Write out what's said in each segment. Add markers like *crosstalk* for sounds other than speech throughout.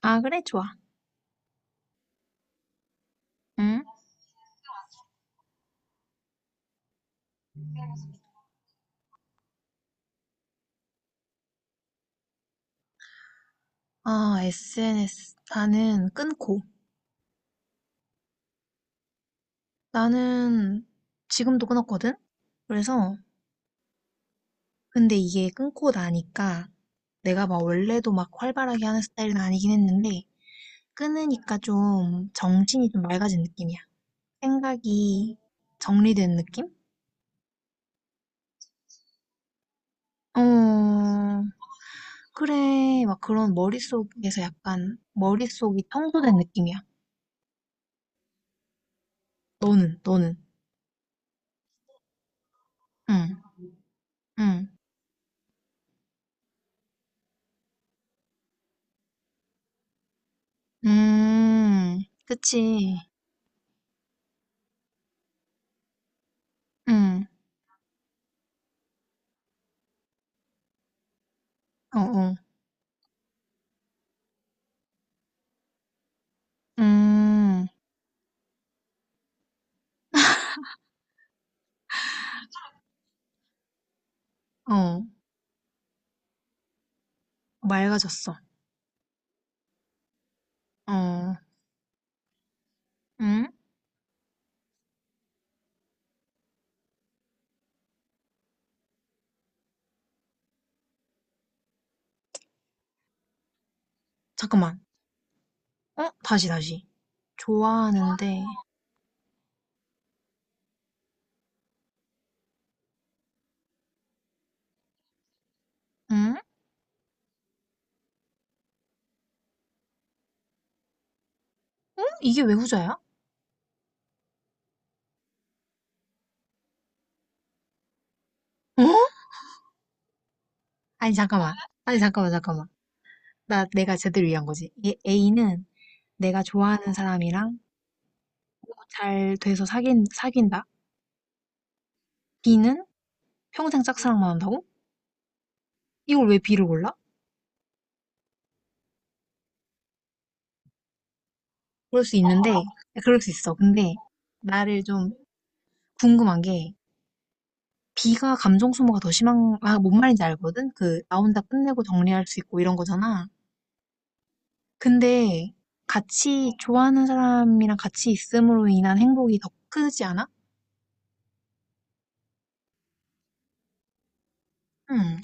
아, 그래, 좋아. 응? 아, SNS. 나는 끊고. 나는 지금도 끊었거든? 그래서, 근데 이게 끊고 나니까 내가 막 원래도 막 활발하게 하는 스타일은 아니긴 했는데, 끊으니까 좀 정신이 좀 맑아진 느낌이야. 생각이 정리된 느낌? 어, 그래. 막 그런 머릿속에서 약간, 머릿속이 청소된 느낌이야. 너는, 너는. 응, 응. 음, 그치. 응, 어, 어, 음, 어, 맑아졌어. 어, 응? 잠깐만. 어? 다시, 다시. 좋아하는데, 응? 응? 이게 왜 후자야? 어? 아니, 잠깐만. 아니, 잠깐만, 잠깐만. 나, 내가 제대로 이해한 거지. 얘, A는 내가 좋아하는 사람이랑 잘 돼서 사귄다? B는 평생 짝사랑만 한다고? 이걸 왜 B를 골라? 그럴 수 있는데, 그럴 수 있어. 근데, 나를 좀 궁금한 게, B가 감정 소모가 더 심한 아, 뭔 말인지 알거든? 그, 나 혼자 끝내고 정리할 수 있고 이런 거잖아. 근데 같이 좋아하는 사람이랑 같이 있음으로 인한 행복이 더 크지 않아? 응,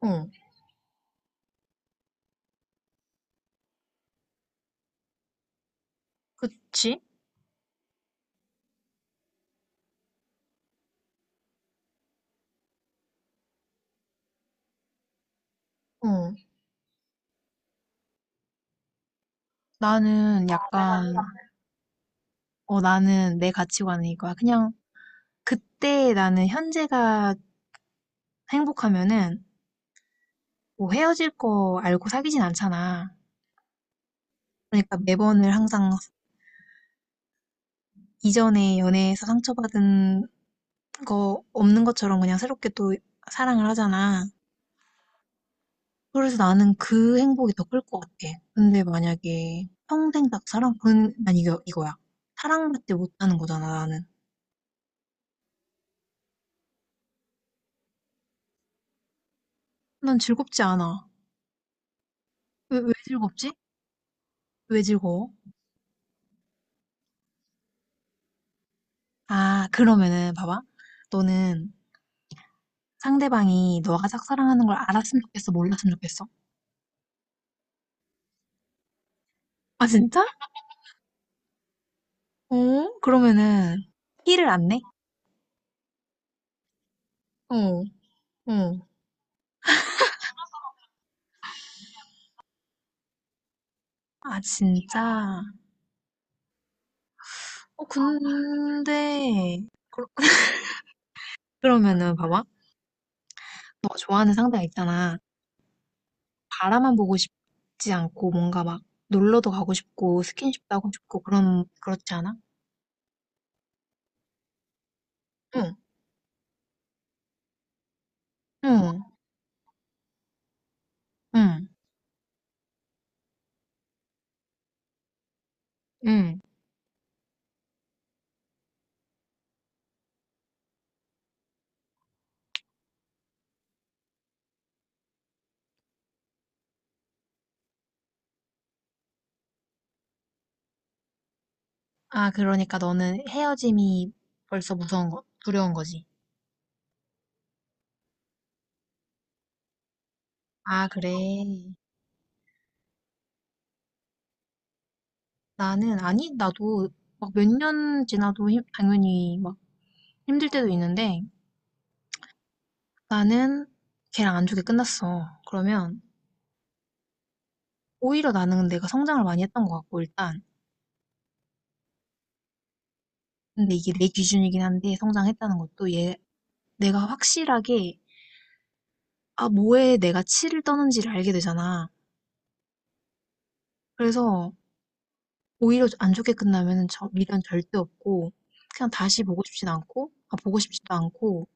어, 그치? 어, 나는 약간, 어, 나는 내 가치관은 이거야. 그냥 그때 나는 현재가 행복하면은 뭐 헤어질 거 알고 사귀진 않잖아. 그러니까 매번을 항상 이전에 연애에서 상처받은 그거 없는 것처럼 그냥 새롭게 또 사랑을 하잖아. 그래서 나는 그 행복이 더 클 것 같아. 근데 만약에 평생 딱 사랑, 그건 난 이거야. 사랑받지 못하는 거잖아, 나는. 난 즐겁지 않아. 왜, 왜 즐겁지? 왜 즐거워? 아, 그러면은, 봐봐. 너는 상대방이 너가 짝사랑하는 걸 알았으면 좋겠어, 몰랐으면 좋겠어? 아, 진짜? 어? 그러면은, 티를 안 내? 어, 어. 아, 진짜? 어, 근데, 그- 그러면은 봐봐. 너가 좋아하는 상대가 있잖아. 바라만 보고 싶지 않고 뭔가 막 놀러도 가고 싶고 스킨십도 하고 싶고 그런 그렇지 않아? 응, 응, 응, 응. 아, 그러니까 너는 헤어짐이 벌써 무서운 거, 두려운 거지. 아, 그래. 나는 아니, 나도 막 몇 년 지나도 힘- 당연히 막 힘들 때도 있는데 나는 걔랑 안 좋게 끝났어. 그러면 오히려 나는 내가 성장을 많이 했던 것 같고 일단 근데 이게 내 기준이긴 한데 성장했다는 것도 얘 내가 확실하게 아 뭐에 내가 치를 떠는지를 알게 되잖아. 그래서 오히려 안 좋게 끝나면은 저 미련 절대 없고 그냥 다시 보고 싶진 않고 아 보고 싶지도 않고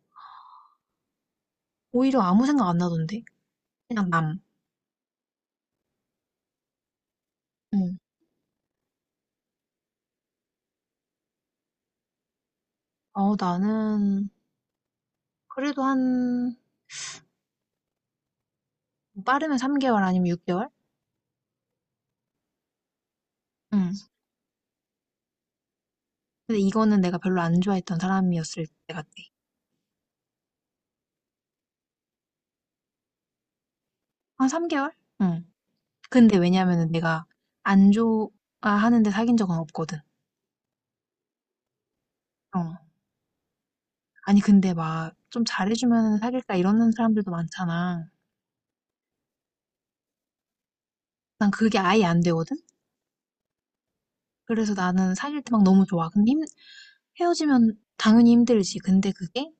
오히려 아무 생각 안 나던데 그냥 남. 응. 어 나는 그래도 한 뭐 빠르면 3개월 아니면 6개월? 응. 근데 이거는 내가 별로 안 좋아했던 사람이었을 때 같아. 한 3개월? 응. 근데 왜냐면은 내가 안 좋아하는데 사귄 적은 없거든. 어. 아니, 근데 막 좀 잘해주면 사귈까 이러는 사람들도 많잖아. 난 그게 아예 안 되거든? 그래서 나는 사귈 때 막 너무 좋아. 근데 헤어지면 당연히 힘들지. 근데 그게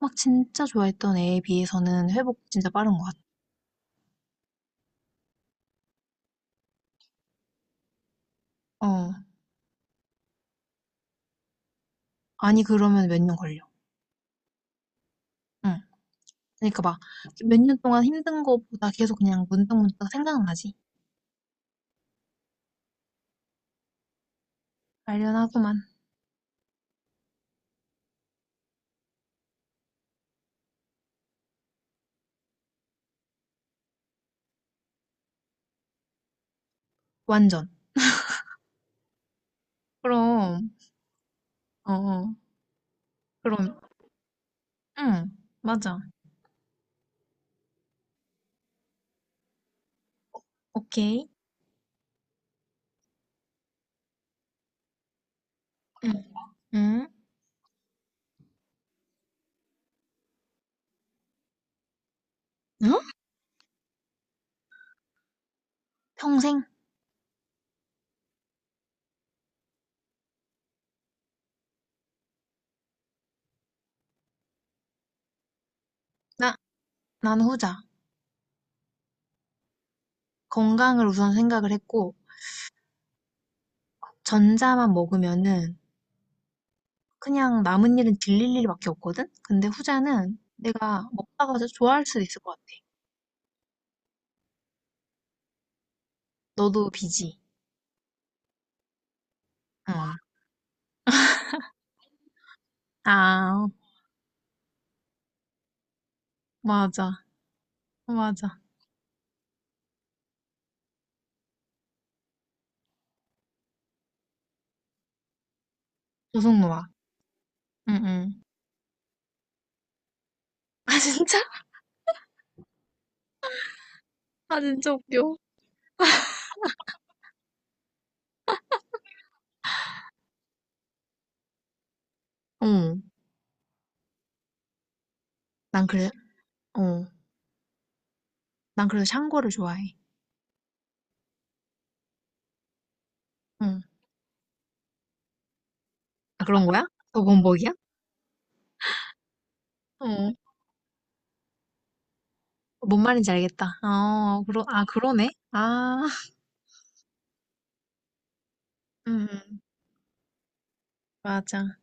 막 진짜 좋아했던 애에 비해서는 회복 진짜 빠른 것 같아. 어. 아니, 그러면 몇 년 걸려. 응. 그러니까 막 몇 년 동안 힘든 거보다 계속 그냥 문득문득 생각나지. 관련하고만. 완전. 그럼, 어, 어. 그럼 응, 맞아. 오케이. 응. 응. 응? 평생? 나, 난 후자. 건강을 우선 생각을 했고, 전자만 먹으면은 그냥 남은 일은 질릴 일밖에 없거든? 근데 후자는 내가 먹다가 더 좋아할 수도 있을 것 같아. 너도 비지? 응. 아, 맞아. 맞아. 조성노아. 응, 응. *laughs* 아, 진짜? 아, 진짜 웃겨. 응. 난 그래, 어. 난 그래서 샹궈를 좋아해. 응. 아, 그런 거야? 더 범벅이야? 어. 뭔 말인지 알겠다. 어, 그러, 아, 그러네? 아, *laughs* 음, 음, 맞아.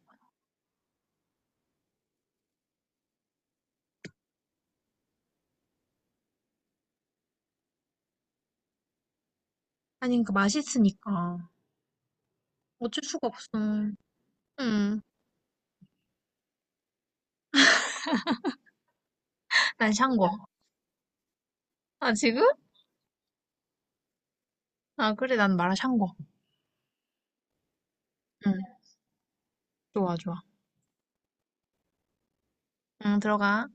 아니, 그 맛있으니까. 어쩔 수가 없어. 음, 난 샹궈. 아, 지금? 아, 그래, 난 마라 샹궈. 응, 좋아, 좋아. 응, 들어가.